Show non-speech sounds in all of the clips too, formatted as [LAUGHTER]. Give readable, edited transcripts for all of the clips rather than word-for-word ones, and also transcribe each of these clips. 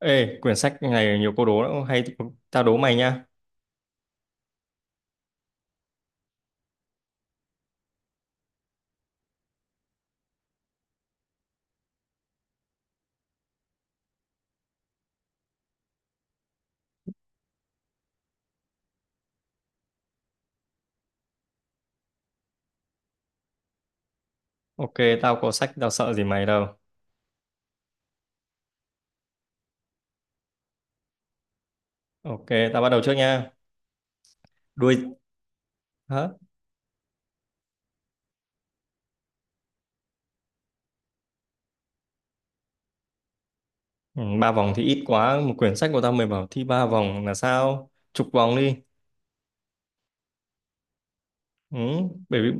Ê, quyển sách này nhiều câu đố lắm, hay tao đố mày nha. Ok, tao có sách, tao sợ gì mày đâu. Ok, tao bắt đầu trước nha. Đuôi, hả? Ừ, ba vòng thì ít quá, một quyển sách của tao mày bảo thi ba vòng là sao? Chục vòng đi. Ừ, bởi vì,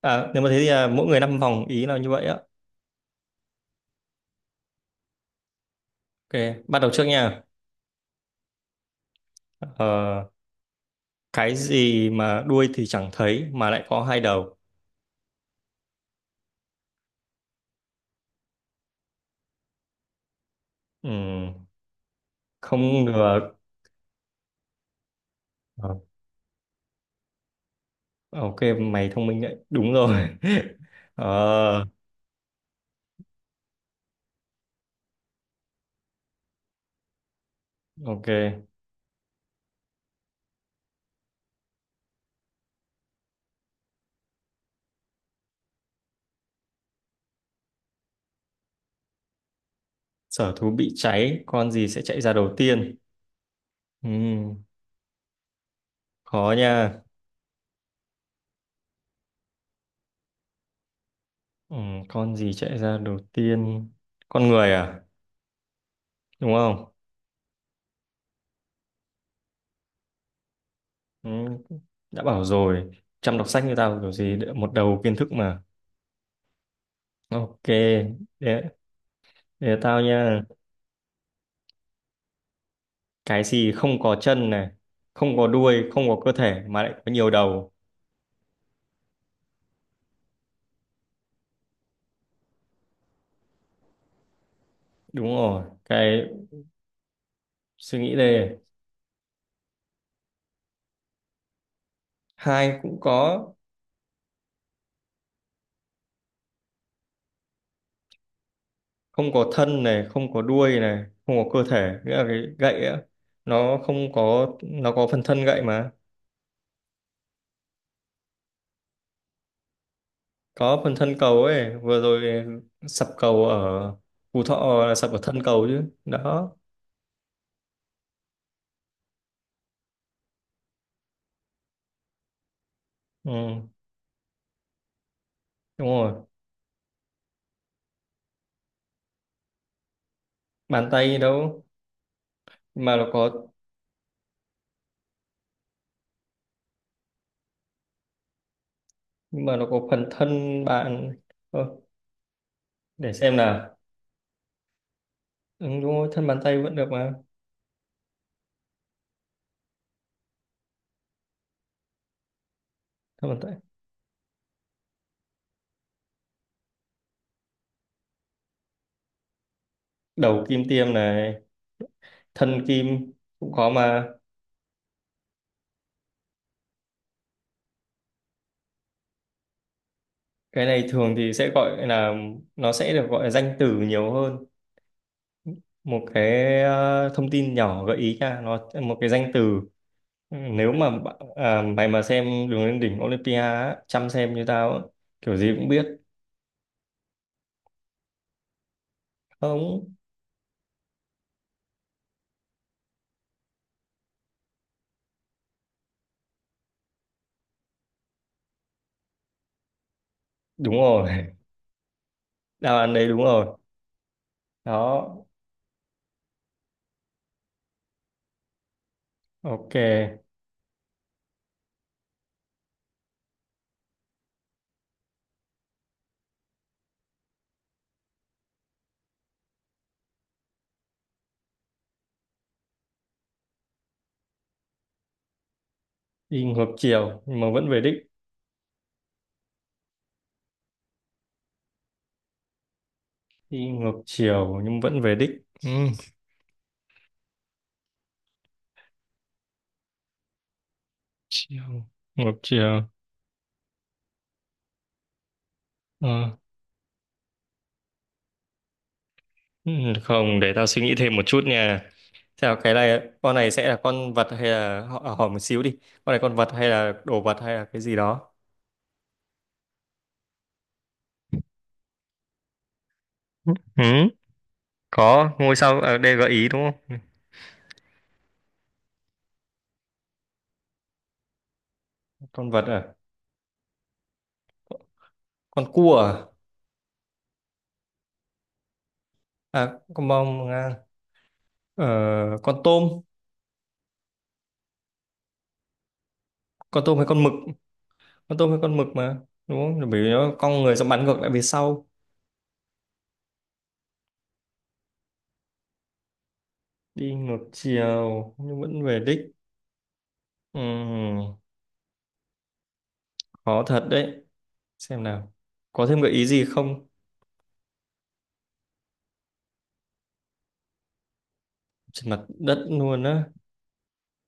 nếu mà thế thì mỗi người năm vòng, ý là như vậy á. Ok, bắt đầu trước nha. Ờ, cái gì mà đuôi thì chẳng thấy mà lại có hai đầu? Ừ, không ngờ. Ờ, ok, mày thông minh đấy. Đúng rồi. [LAUGHS] Ờ, ok. Sở thú bị cháy, con gì sẽ chạy ra đầu tiên? Ừm, khó nha. Con gì chạy ra đầu tiên? Con người à? Đúng không? Ừm, đã bảo rồi. Chăm đọc sách như tao kiểu gì một đầu kiến thức mà. Ok, để, để tao nha. Cái gì không có chân này, không có đuôi, không có cơ thể mà lại có nhiều đầu. Đúng rồi. Cái suy nghĩ đây. Hai cũng có, không có thân này, không có đuôi này, không có cơ thể nghĩa là cái gậy á, nó không có. Nó có phần thân gậy mà. Có phần thân cầu ấy. Vừa rồi sập cầu ở Phú Thọ là sập ở thân cầu chứ đó. Ừ, đúng rồi, bàn tay đâu mà nó có. Mà nó có phần thân bạn. Ơ, để xem nào. Ừ, đúng rồi, thân bàn tay vẫn được mà. Thân bàn tay. Đầu kim tiêm này, thân kim cũng có mà. Cái này thường thì sẽ gọi là, nó sẽ được gọi là danh từ nhiều hơn. Một cái thông tin nhỏ gợi ý nha, nó một cái danh từ. Nếu mà à, mày mà xem Đường lên đỉnh Olympia á, chăm xem như tao á, kiểu gì cũng biết. Không, đúng rồi. [LAUGHS] Đáp án đấy, đúng rồi đó. Ok, đi ngược chiều nhưng mà vẫn về đích. Đi ngược chiều nhưng vẫn về đích. Ừ. Chiều ngược chiều. Ờ. Ừ, không, để tao suy nghĩ thêm một chút nha. Theo cái này, con này sẽ là con vật hay là à, hỏi một xíu đi. Con này con vật hay là đồ vật hay là cái gì đó? Ừ, có ngôi sao ở đây gợi ý đúng không? Ừ. Con vật à? Con cua à? À, con bông à? Ờ, con tôm, con tôm hay con mực? Con tôm hay con mực mà, đúng không? Rồi. Bởi vì nó cong người sẽ bắn ngược lại về sau, đi ngược chiều nhưng vẫn về đích. Ừm, khó thật đấy. Xem nào, có thêm gợi ý gì không? Trên mặt đất luôn á.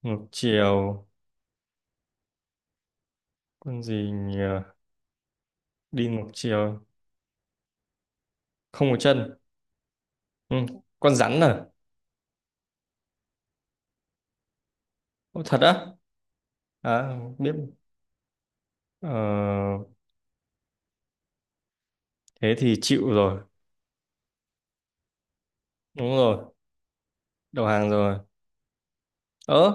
Ngược chiều, con gì nhỉ, đi ngược chiều, không có chân. Ừ. Con rắn à? Ô, thật á? À không biết. ờ, thế thì chịu rồi. Đúng rồi. Đầu hàng rồi. Ớ,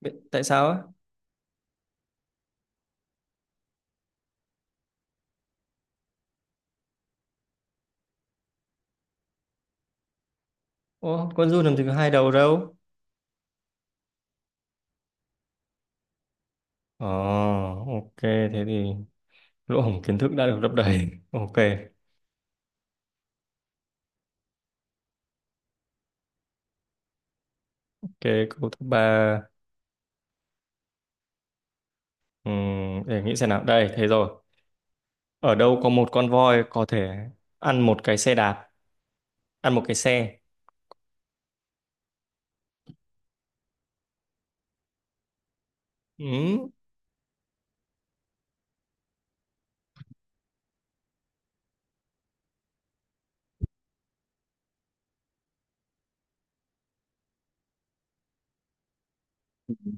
tại sao á? Ô, con giun làm gì có hai đầu đâu. Ờ, ok, thế thì lỗ hổng kiến thức đã được lấp đầy. Ok, cái câu thứ ba. Ừm, để nghĩ xem nào đây, thế rồi ở đâu có một con voi có thể ăn một cái xe đạp? Ăn một cái xe. Ừ.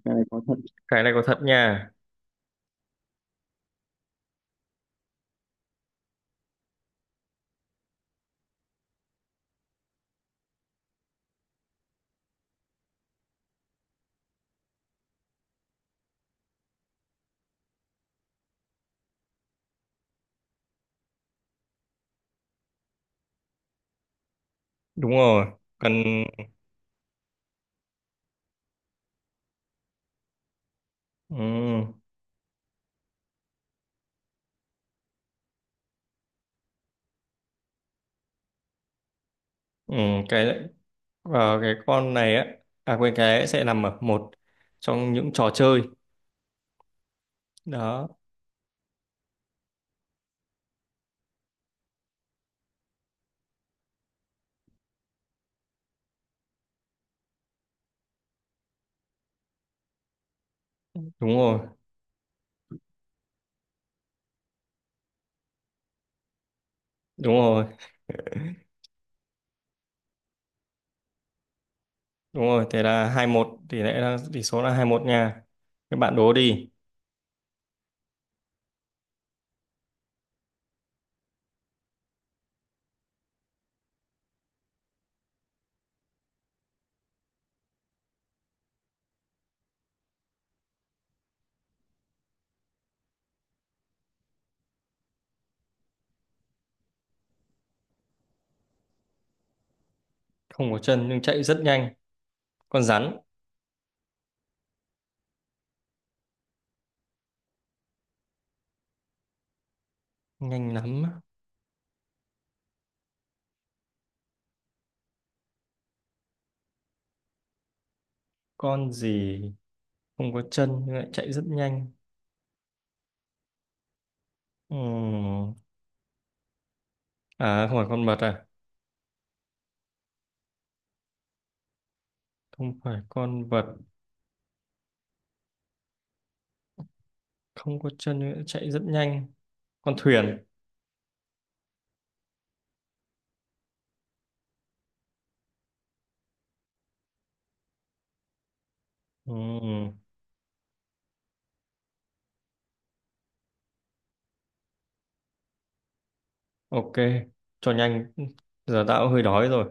Cái này có thật. Cái này có thật nha. Đúng rồi. Cần. ừ, ừ, cái cái con này á, à quên, cái sẽ nằm ở một trong những trò chơi. Đó, đúng rồi. Đúng rồi. Đúng rồi, thế là hai một, tỷ lệ là tỷ số là hai một nha. Các bạn đố đi. Không có chân nhưng chạy rất nhanh. Con rắn. Nhanh lắm. Con gì không có chân nhưng lại chạy rất nhanh? Ừm, à không phải con vật à? Không phải con vật, không có chân nữa, chạy rất nhanh. Con thuyền. Ừ, ok, cho nhanh, giờ tao cũng hơi đói rồi.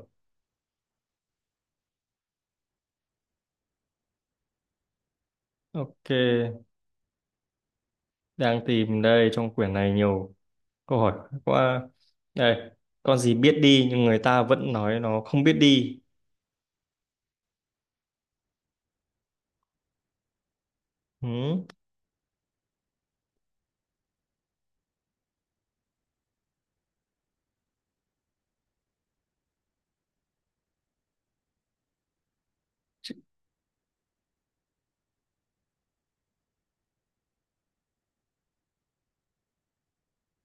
Ok, đang tìm đây, trong quyển này nhiều câu hỏi quá. Đây, con gì biết đi nhưng người ta vẫn nói nó không biết đi? ừ,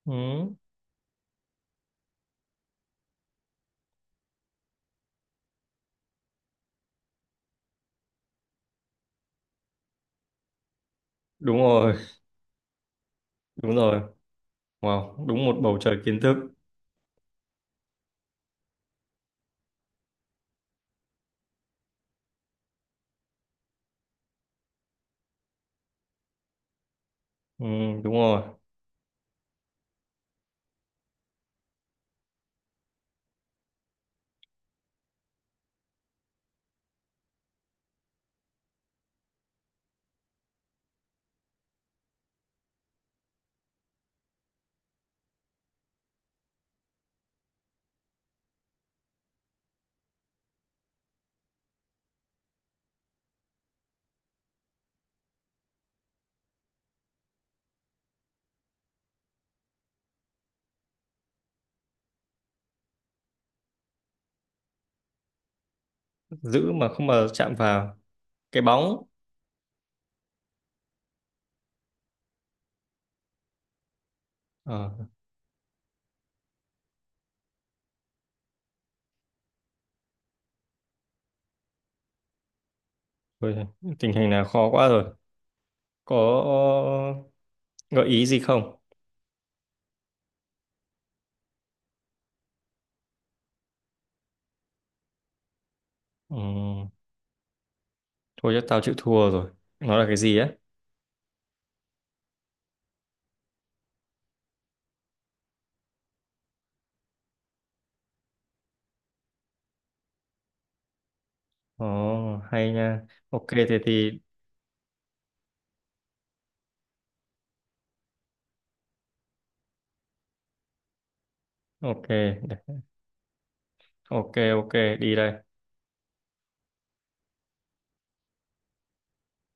ừ, đúng rồi. Đúng rồi, wow, đúng một bầu trời kiến thức. Ừ, đúng rồi. Giữ mà không mà chạm vào? Cái bóng. Ờ, thôi, tình hình này khó quá rồi, có gợi ý gì không? Ừ, thôi chứ tao chịu thua rồi. Nó là cái gì á? Ồ, hay nha. Ok, thế thì... Ok, ok, ok, đi đây.